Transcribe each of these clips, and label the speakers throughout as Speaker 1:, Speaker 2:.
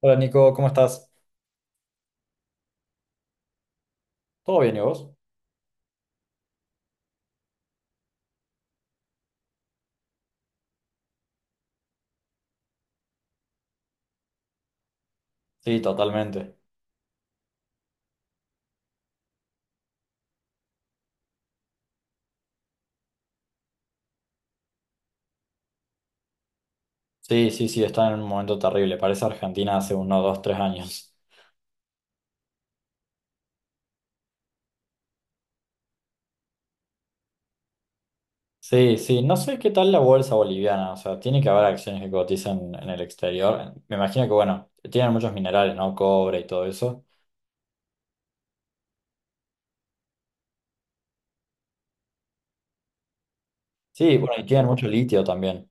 Speaker 1: Hola Nico, ¿cómo estás? ¿Todo bien y vos? Sí, totalmente. Sí, sí, sí, está en un momento terrible. Parece Argentina hace 1, 2, 3 años. Sí, sí, no sé qué tal la bolsa boliviana. O sea, tiene que haber acciones que cotizan en el exterior. Me imagino que, bueno, tienen muchos minerales, ¿no? Cobre y todo eso. Sí, bueno, y tienen mucho litio también.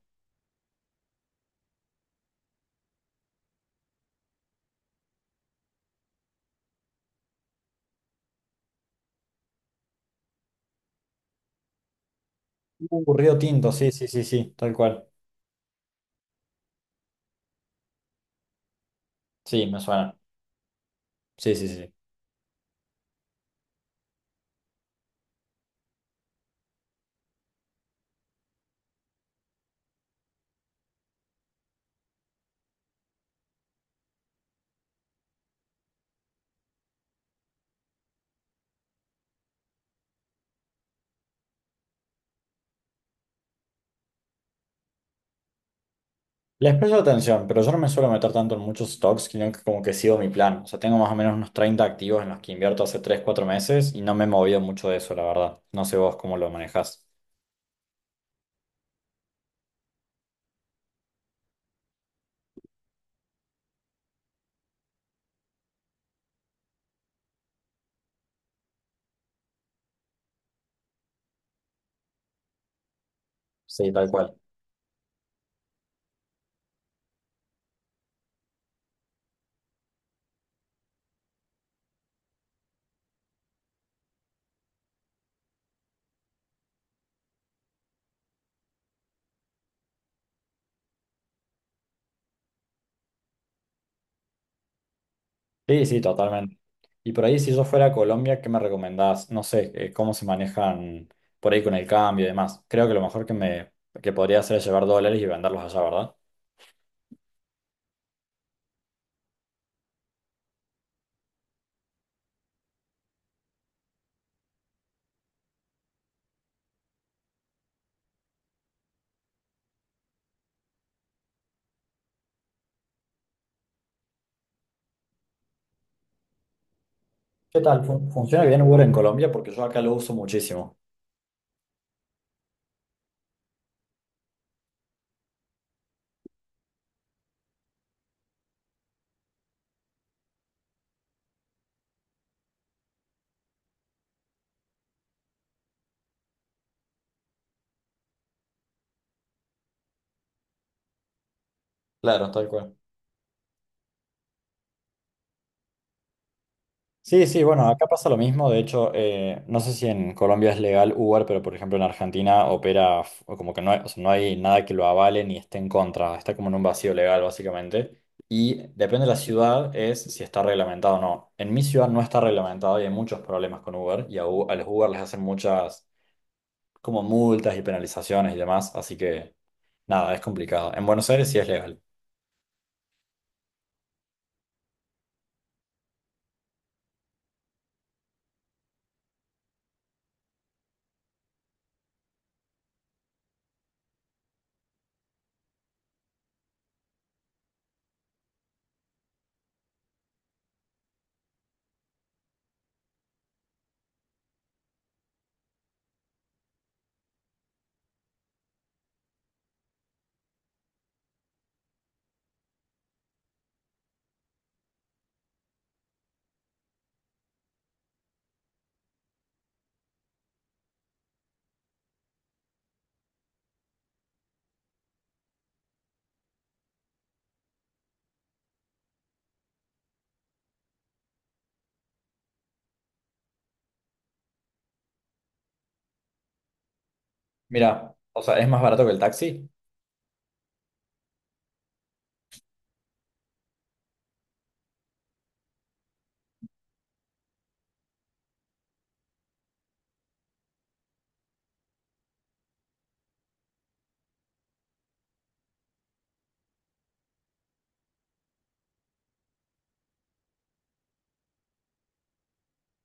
Speaker 1: Río Tinto, sí, sí, sí, sí, tal cual. Sí, me suena. Sí, sí, sí. Sí. Les presto atención, pero yo no me suelo meter tanto en muchos stocks, sino que como que sigo mi plan. O sea, tengo más o menos unos 30 activos en los que invierto hace 3, 4 meses y no me he movido mucho de eso, la verdad. No sé vos cómo lo manejás. Sí, tal cual. Sí, sí, totalmente. Y por ahí, si yo fuera a Colombia, ¿qué me recomendás? No sé, cómo se manejan por ahí con el cambio y demás. Creo que lo mejor que me que podría hacer es llevar dólares y venderlos allá, ¿verdad? ¿Qué tal? ¿Funciona bien Uber en Colombia? Porque yo acá lo uso muchísimo. Claro, tal cual. Sí, sí, bueno, acá pasa lo mismo. De hecho, no sé si en Colombia es legal Uber, pero por ejemplo en Argentina opera o como que no hay, o sea, no hay nada que lo avale ni esté en contra. Está como en un vacío legal, básicamente. Y depende de la ciudad, es si está reglamentado o no. En mi ciudad no está reglamentado y hay muchos problemas con Uber. Y a los Uber les hacen muchas como multas y penalizaciones y demás. Así que nada, es complicado. En Buenos Aires sí es legal. Mira, o sea, es más barato que el taxi.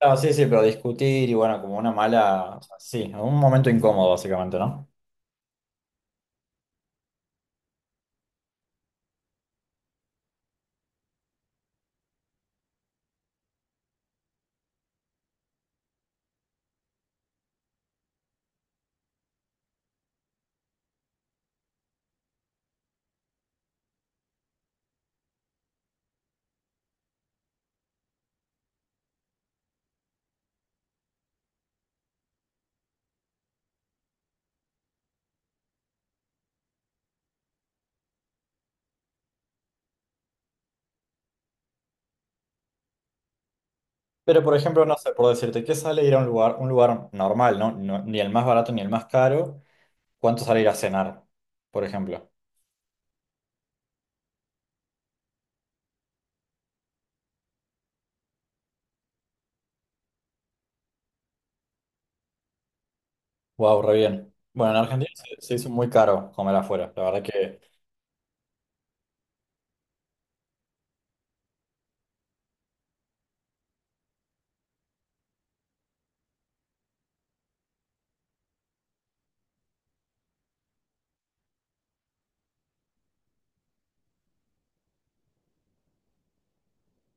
Speaker 1: Ah, sí, sí, pero discutir y bueno, como una mala, o sea, sí, un momento incómodo básicamente, ¿no? Pero por ejemplo, no sé, por decirte, ¿qué sale ir a un lugar normal, no? Ni el más barato ni el más caro, ¿cuánto sale ir a cenar, por ejemplo? Wow, re bien. Bueno, en Argentina se hizo muy caro comer afuera, la verdad que,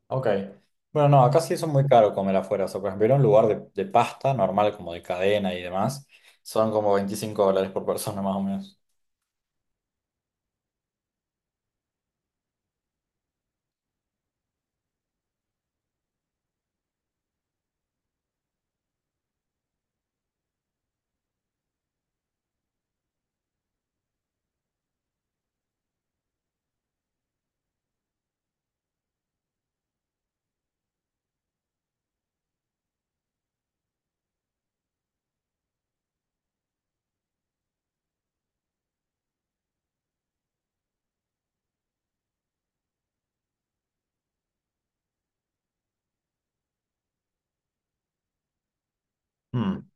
Speaker 1: ok. Bueno, no, acá se hizo muy caro comer afuera, o sea, por ejemplo, ir a un lugar de pasta normal, como de cadena y demás, son como 25 dólares por persona más o menos. Hmm.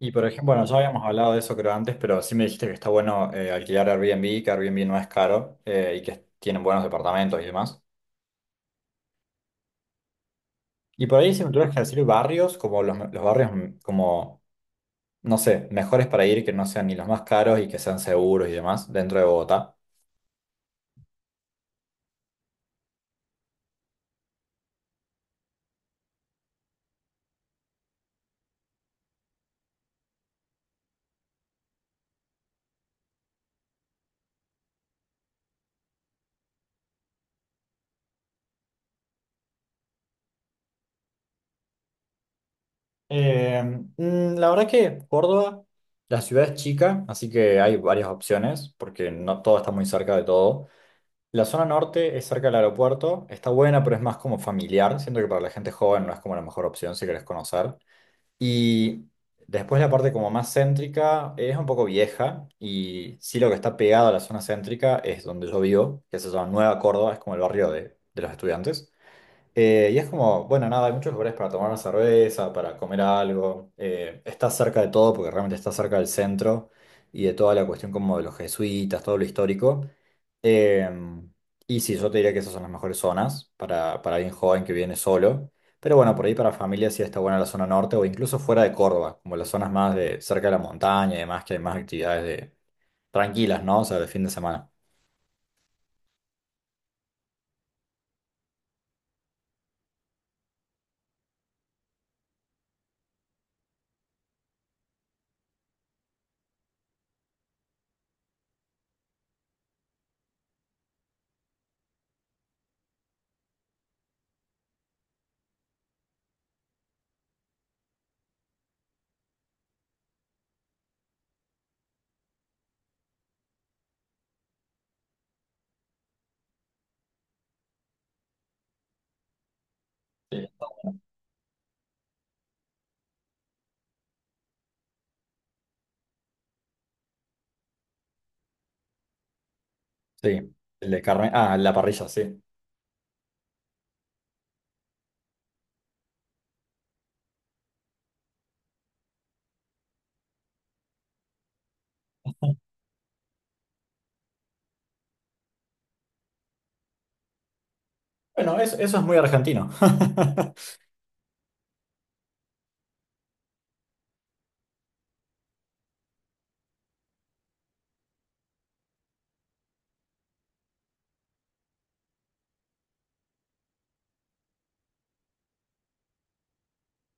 Speaker 1: Y por ejemplo, bueno, ya habíamos hablado de eso creo antes, pero sí me dijiste que está bueno alquilar Airbnb, que Airbnb no es caro y que tienen buenos departamentos y demás. Y por ahí si me tuvieras que decir barrios, como los barrios como, no sé, mejores para ir, que no sean ni los más caros y que sean seguros y demás dentro de Bogotá. La verdad que Córdoba, la ciudad es chica, así que hay varias opciones, porque no todo está muy cerca de todo. La zona norte es cerca del aeropuerto, está buena, pero es más como familiar. Siento que para la gente joven no es como la mejor opción si querés conocer. Y después la parte como más céntrica es un poco vieja y sí lo que está pegado a la zona céntrica es donde yo vivo, que se llama Nueva Córdoba, es como el barrio de los estudiantes. Y es como, bueno, nada, hay muchos lugares para tomar una cerveza, para comer algo. Está cerca de todo porque realmente está cerca del centro y de toda la cuestión como de los jesuitas, todo lo histórico. Em, y sí, yo te diría que esas son las mejores zonas para alguien joven que viene solo. Pero bueno, por ahí para familia sí está buena la zona norte o incluso fuera de Córdoba, como las zonas más de cerca de la montaña y demás, que hay más actividades de, tranquilas, ¿no? O sea, de fin de semana. Sí. Sí, el de carne. Ah, la parrilla, sí. Bueno, eso es muy argentino.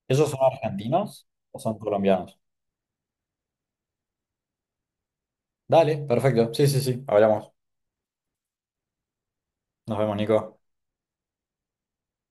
Speaker 1: ¿Ellos son argentinos o son colombianos? Dale, perfecto. Sí, sí, sí. Hablamos. Nos vemos, Nico.